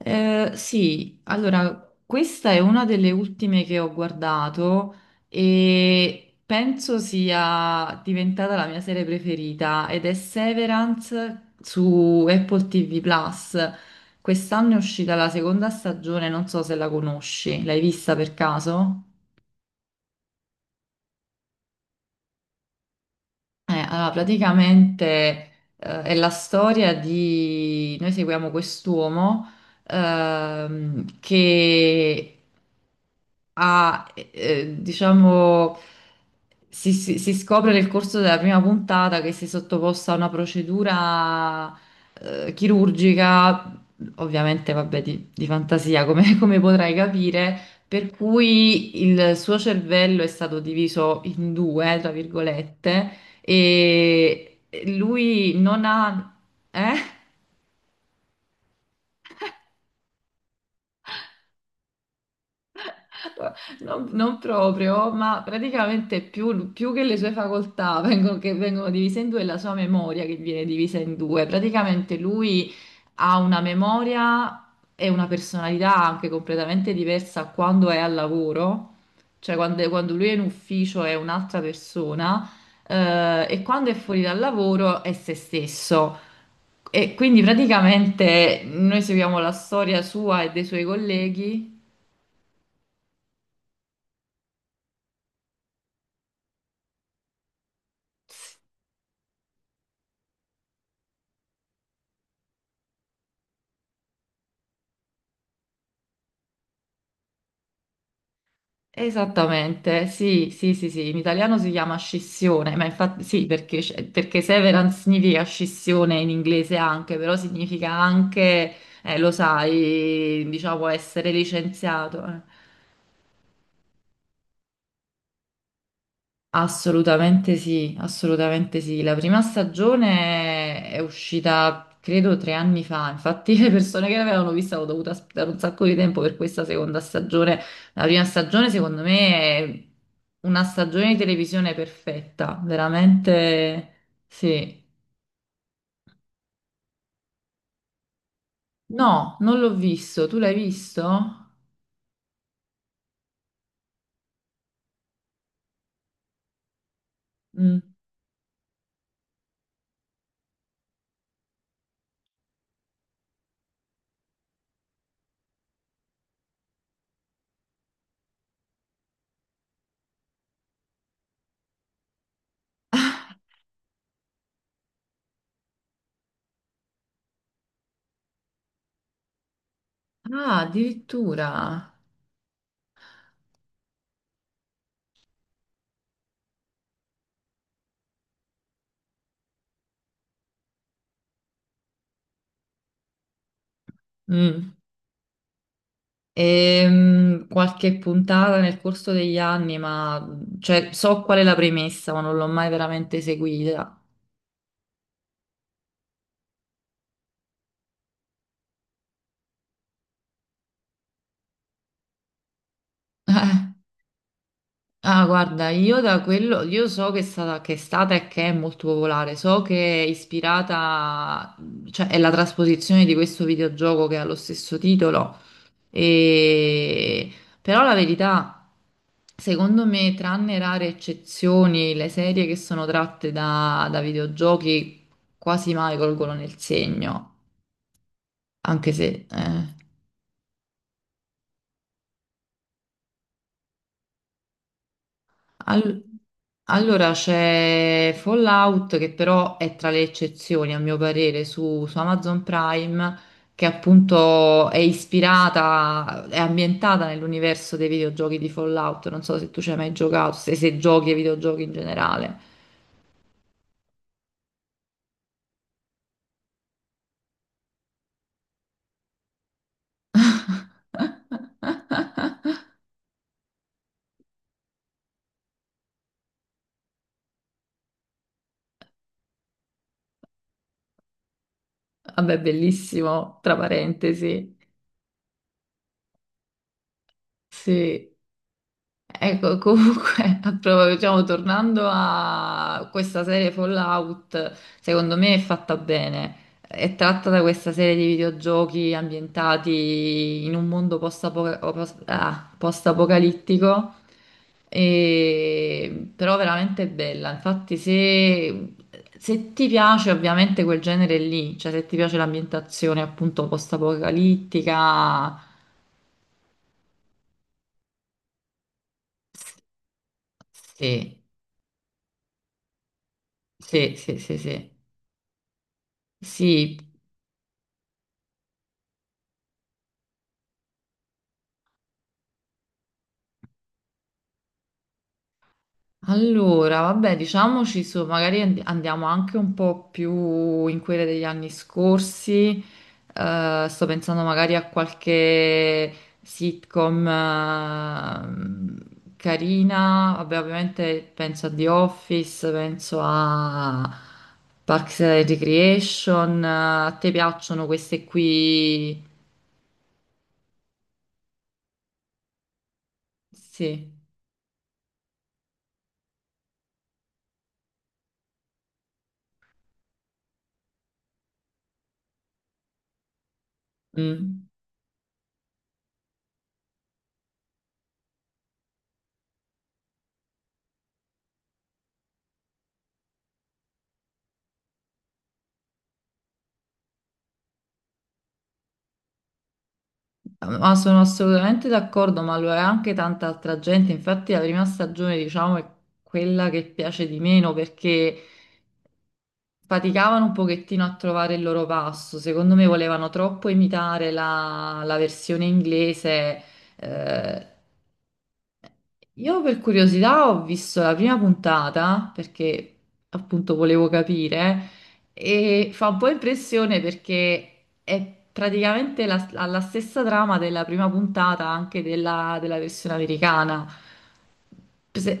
Questa è una delle ultime che ho guardato e penso sia diventata la mia serie preferita ed è Severance su Apple TV Plus. Quest'anno è uscita la seconda stagione, non so se la conosci, l'hai vista per caso? Allora, praticamente è la storia di... Noi seguiamo quest'uomo che diciamo, si scopre nel corso della prima puntata che si è sottoposta a una procedura chirurgica, ovviamente, vabbè, di fantasia, come, come potrai capire, per cui il suo cervello è stato diviso in due, tra virgolette, e lui non ha... Eh? Non proprio, ma praticamente più che le sue facoltà che vengono divise in due, è la sua memoria che viene divisa in due. Praticamente lui ha una memoria e una personalità anche completamente diversa quando è al lavoro, cioè quando lui è in ufficio è un'altra persona, e quando è fuori dal lavoro è se stesso. E quindi praticamente noi seguiamo la storia sua e dei suoi colleghi. Esattamente, sì, sì, sì, sì, in italiano si chiama scissione, ma infatti sì, perché, perché severance significa scissione in inglese anche, però significa anche, lo sai, diciamo essere licenziato. Assolutamente sì, assolutamente sì. La prima stagione è uscita, credo, tre anni fa. Infatti, le persone che l'avevano vista hanno dovuto aspettare un sacco di tempo per questa seconda stagione. La prima stagione, secondo me, è una stagione di televisione perfetta. Veramente sì. No, non l'ho visto. Tu l'hai visto? Mm. Ah, addirittura. Mm. Qualche puntata nel corso degli anni, ma cioè, so qual è la premessa, ma non l'ho mai veramente seguita. Ah, guarda, io da quello, io so che è stata e che è molto popolare, so che è ispirata, cioè è la trasposizione di questo videogioco che ha lo stesso titolo, e... però la verità, secondo me, tranne rare eccezioni, le serie che sono tratte da videogiochi quasi mai colgono nel segno. Anche se.... Al- allora c'è Fallout che però è tra le eccezioni a mio parere su Amazon Prime che appunto è ispirata, è ambientata nell'universo dei videogiochi di Fallout. Non so se tu ci hai mai giocato, se giochi ai videogiochi in generale. Vabbè, bellissimo, tra parentesi. Sì. Ecco, comunque, diciamo, tornando a questa serie Fallout, secondo me è fatta bene. È tratta da questa serie di videogiochi ambientati in un mondo post-apocalittico, però veramente bella. Infatti, se... se ti piace ovviamente quel genere lì, cioè se ti piace l'ambientazione appunto post-apocalittica, sì, sì, sì, sì, sì. Sì, allora, vabbè, diciamoci su, magari andiamo anche un po' più in quelle degli anni scorsi. Sto pensando magari a qualche sitcom carina. Vabbè, ovviamente penso a The Office, penso a Parks and Recreation. A te piacciono queste qui? Sì. Mm. Ma sono assolutamente d'accordo, ma lo è anche tanta altra gente. Infatti, la prima stagione, diciamo, è quella che piace di meno perché faticavano un pochettino a trovare il loro passo. Secondo me volevano troppo imitare la versione inglese, eh, io per curiosità ho visto la prima puntata perché appunto volevo capire e fa un po' impressione perché è praticamente la, ha la stessa trama della prima puntata anche della versione americana. Se-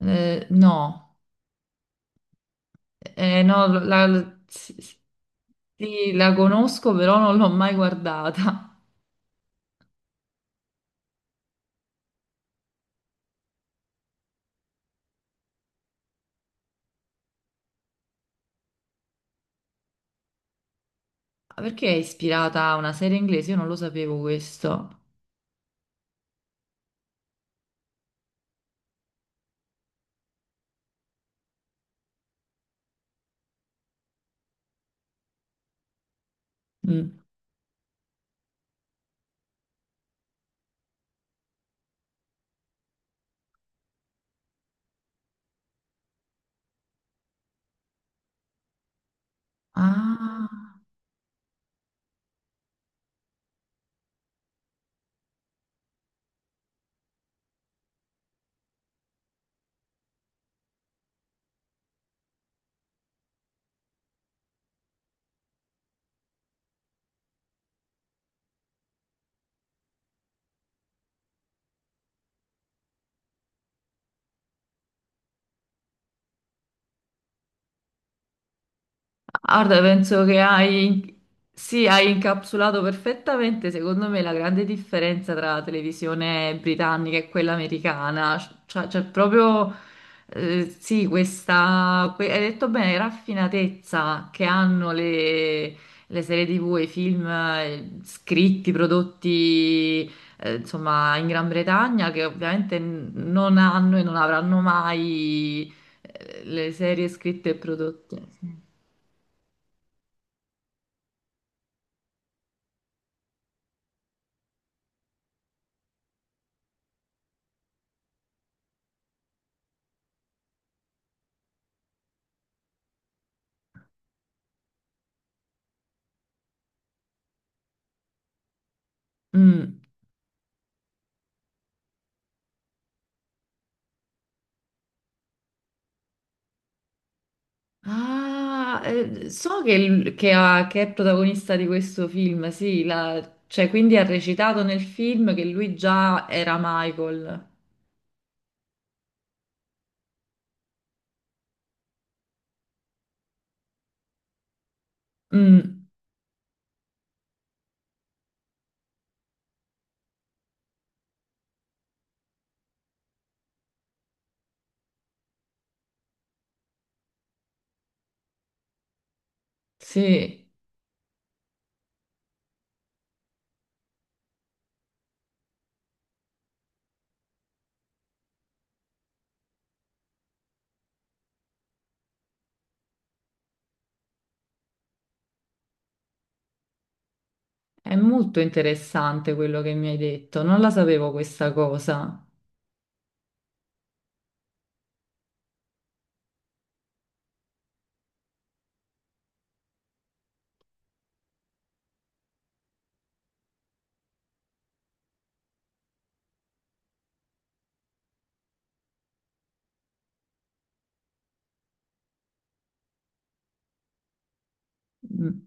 eh, no, no, sì, sì, la conosco però non l'ho mai guardata. Ah, perché è ispirata a una serie inglese? Io non lo sapevo questo. Mm. Ah. Guarda, penso che hai, sì, hai incapsulato perfettamente, secondo me, la grande differenza tra la televisione britannica e quella americana. Cioè, c'è proprio, sì, hai detto bene, raffinatezza che hanno le serie TV, e i film scritti, prodotti, insomma, in Gran Bretagna, che ovviamente n- non hanno e non avranno mai, le serie scritte e prodotte. Sì. Mm. Ah, so che è protagonista di questo film, sì, cioè quindi ha recitato nel film che lui già era Michael. Mm, sì, è molto interessante quello che mi hai detto, non la sapevo questa cosa. Mm.